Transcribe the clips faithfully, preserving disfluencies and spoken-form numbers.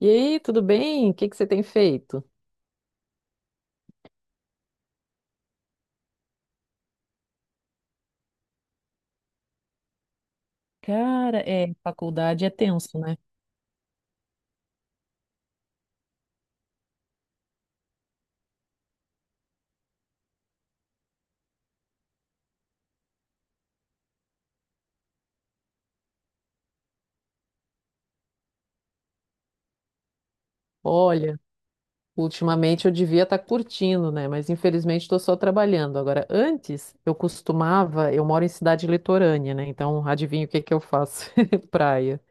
E aí, tudo bem? O que que você tem feito? Cara, é, faculdade é tenso, né? Olha, ultimamente eu devia estar curtindo, né? Mas infelizmente estou só trabalhando. Agora, antes eu costumava, eu moro em cidade litorânea, né? Então, adivinha o que que eu faço? Praia.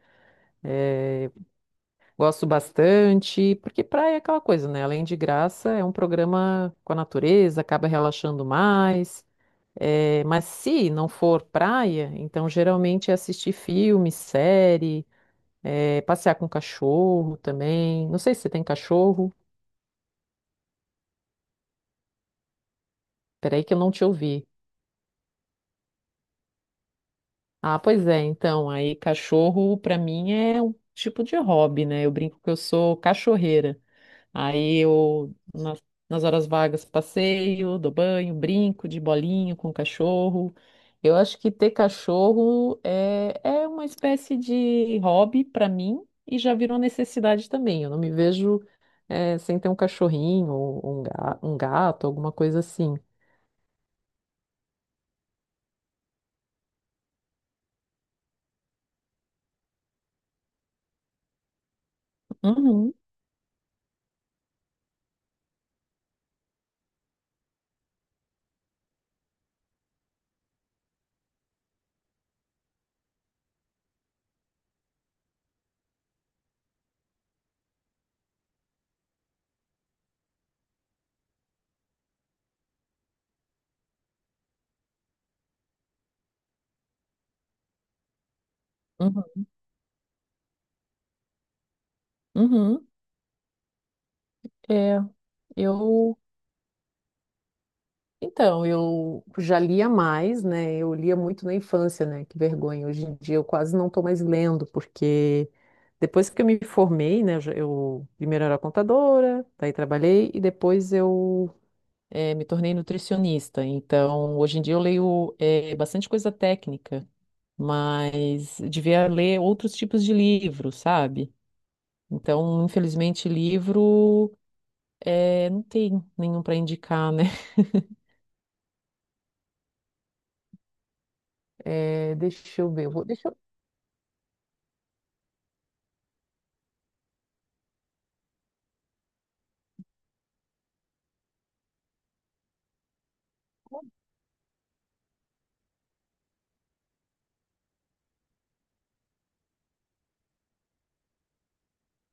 Gosto bastante, porque praia é aquela coisa, né? Além de graça, é um programa com a natureza, acaba relaxando mais. É, mas se não for praia, então geralmente é assistir filme, série. É, passear com cachorro também. Não sei se você tem cachorro. Peraí que eu não te ouvi. Ah, pois é. Então, aí cachorro pra mim é um tipo de hobby, né? Eu brinco que eu sou cachorreira. Aí eu, nas, nas horas vagas, passeio, dou banho, brinco de bolinho com o cachorro. Eu acho que ter cachorro é, é uma espécie de hobby para mim e já virou necessidade também. Eu não me vejo, eh, sem ter um cachorrinho ou um, ga- um gato, alguma coisa assim. Uhum, uhum, uhum. É, eu. Então, eu já lia mais, né? Eu lia muito na infância, né? Que vergonha. Hoje em dia eu quase não estou mais lendo, porque depois que eu me formei, né? Eu, já- eu primeiro era contadora, daí trabalhei e depois eu eh, me tornei nutricionista. Então, hoje em dia eu leio eh, bastante coisa técnica, mas devia ler outros tipos de livros, sabe? Então, infelizmente, livro eh, não tem nenhum para indicar, né? É, deixa eu ver. eu vou- Deixa eu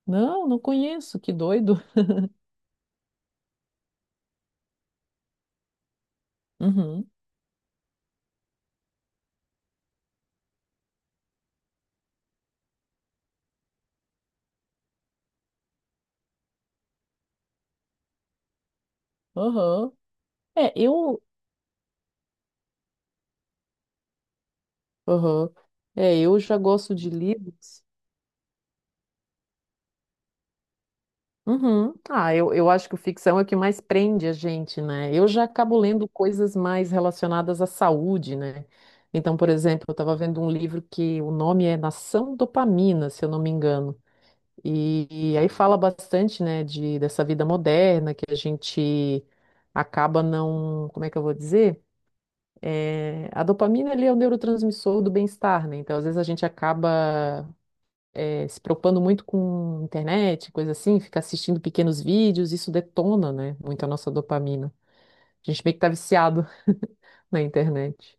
Não, não conheço, que doido. Uhum, aham. É, eu. Aham. É, eu já gosto de livros. Uhum. Ah, eu, eu acho que o ficção é o que mais prende a gente, né? Eu já acabo lendo coisas mais relacionadas à saúde, né? Então, por exemplo, eu estava vendo um livro que o nome é Nação Dopamina, se eu não me engano. E, e aí fala bastante, né, de, dessa vida moderna que a gente acaba não. Como é que eu vou dizer? É, a dopamina ele é o neurotransmissor do bem-estar, né? Então, às vezes a gente acaba é, se preocupando muito com internet, coisa assim, fica assistindo pequenos vídeos, isso detona, né? Muito a nossa dopamina. A gente meio que tá viciado na internet.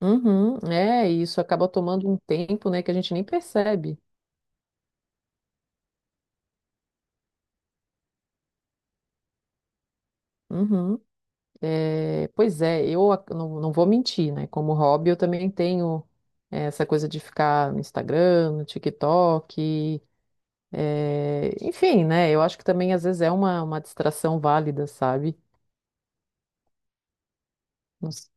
Uhum, é, e isso acaba tomando um tempo, né, que a gente nem percebe. Uhum. É, pois é, eu ac- não, não vou mentir, né? Como hobby, eu também tenho é, essa coisa de ficar no Instagram, no TikTok. É, enfim, né? Eu acho que também às vezes é uma, uma distração válida, sabe? Não s-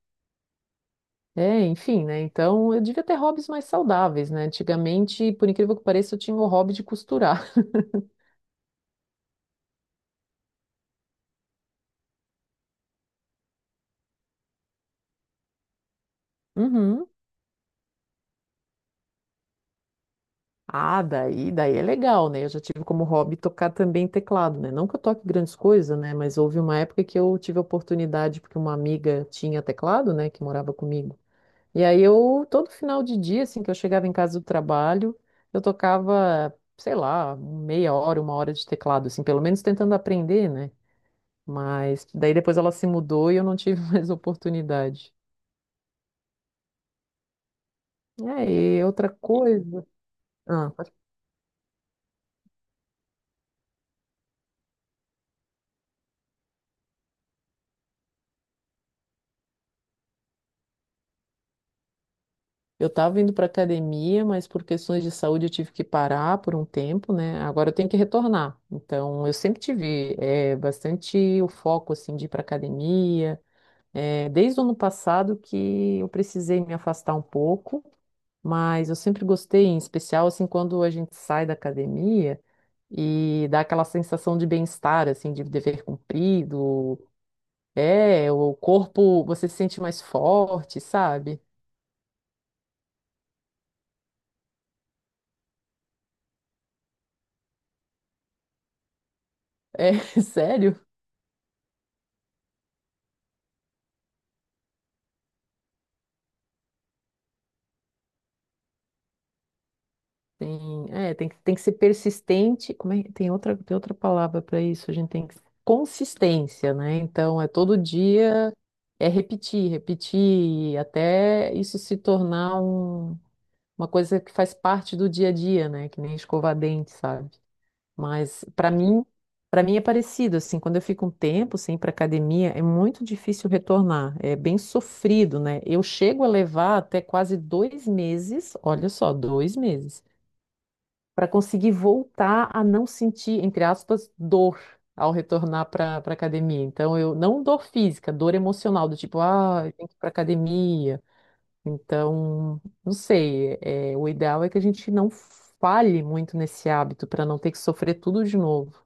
É, enfim, né? Então eu devia ter hobbies mais saudáveis, né? Antigamente, por incrível que pareça, eu tinha o hobby de costurar. Uhum. Ah, daí, daí é legal, né? Eu já tive como hobby tocar também teclado, né? Não que eu toque grandes coisas, né? Mas houve uma época que eu tive a oportunidade, porque uma amiga tinha teclado, né? Que morava comigo. E aí eu, todo final de dia, assim, que eu chegava em casa do trabalho, eu tocava, sei lá, meia hora, uma hora de teclado, assim, pelo menos tentando aprender, né? Mas daí depois ela se mudou e eu não tive mais oportunidade. É, E outra coisa. Ah, pode- eu tava indo para academia, mas por questões de saúde eu tive que parar por um tempo, né? Agora eu tenho que retornar. Então, eu sempre tive eh, bastante o foco, assim, de ir para academia. É, desde o ano passado que eu precisei me afastar um pouco, mas eu sempre gostei, em especial assim quando a gente sai da academia e dá aquela sensação de bem-estar, assim, de dever cumprido. É, o corpo, você se sente mais forte, sabe? É sério. Tem, é, tem que, tem que ser persistente. Como é, tem outra, tem outra palavra para isso. A gente tem que, consistência, né? Então, é todo dia, é repetir, repetir, até isso se tornar um- uma coisa que faz parte do dia a dia, né? Que nem escovar dente, sabe? Mas para mim, para mim é parecido, assim, quando eu fico um tempo sem ir para academia, é muito difícil retornar, é bem sofrido, né? Eu chego a levar até quase dois meses, olha só, dois meses para conseguir voltar a não sentir, entre aspas, dor ao retornar para para academia. Então, eu não dor física, dor emocional, do tipo, ah, eu tenho que ir para academia. Então, não sei, é, o ideal é que a gente não falhe muito nesse hábito para não ter que sofrer tudo de novo.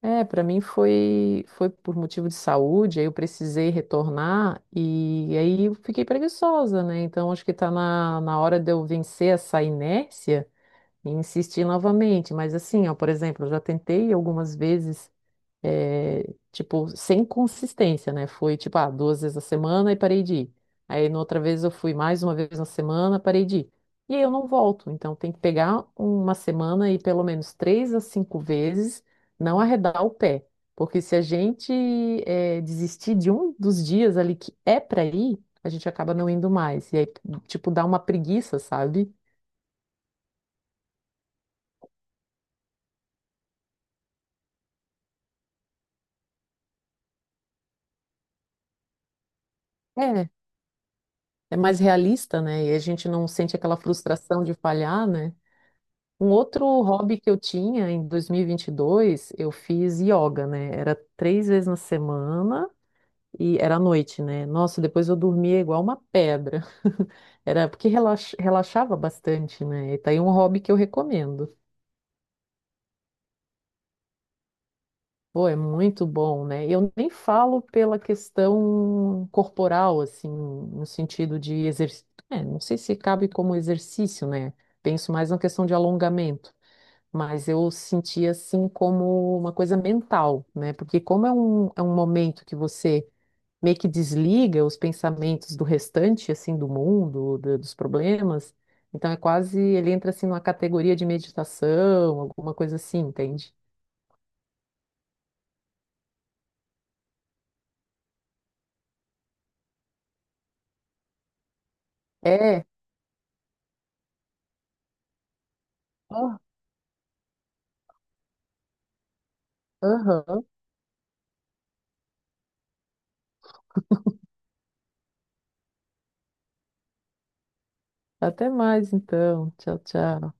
É, para mim foi foi por motivo de saúde, aí eu precisei retornar e aí eu fiquei preguiçosa, né? Então acho que tá na, na hora de eu vencer essa inércia e insistir novamente. Mas assim, ó, por exemplo, eu já tentei algumas vezes, eh, tipo, sem consistência, né? Foi tipo, ah, duas vezes a semana e parei de ir. Aí, na outra vez, eu fui mais uma vez na semana, parei de ir. E aí eu não volto. Então, tem que pegar uma semana e pelo menos três a cinco vezes não arredar o pé. Porque se a gente eh, desistir de um dos dias ali que é para ir, a gente acaba não indo mais. E aí, tipo, dá uma preguiça, sabe? É. é mais realista, né? E a gente não sente aquela frustração de falhar, né? Um outro hobby que eu tinha em dois mil e vinte e dois, eu fiz yoga, né? Era três vezes na semana e era à noite, né? Nossa, depois eu dormia igual uma pedra. Era porque relax- relaxava bastante, né? E tá aí um hobby que eu recomendo. Pô, é muito bom, né? Eu nem falo pela questão corporal, assim, no sentido de exercício. É, não sei se cabe como exercício, né? Penso mais na questão de alongamento, mas eu senti assim como uma coisa mental, né? Porque como é um, é um momento que você meio que desliga os pensamentos do restante, assim, do mundo, do- dos problemas, então é quase, ele entra assim numa categoria de meditação, alguma coisa assim, entende? É. Ah, Aham. Até mais, então. Tchau, tchau.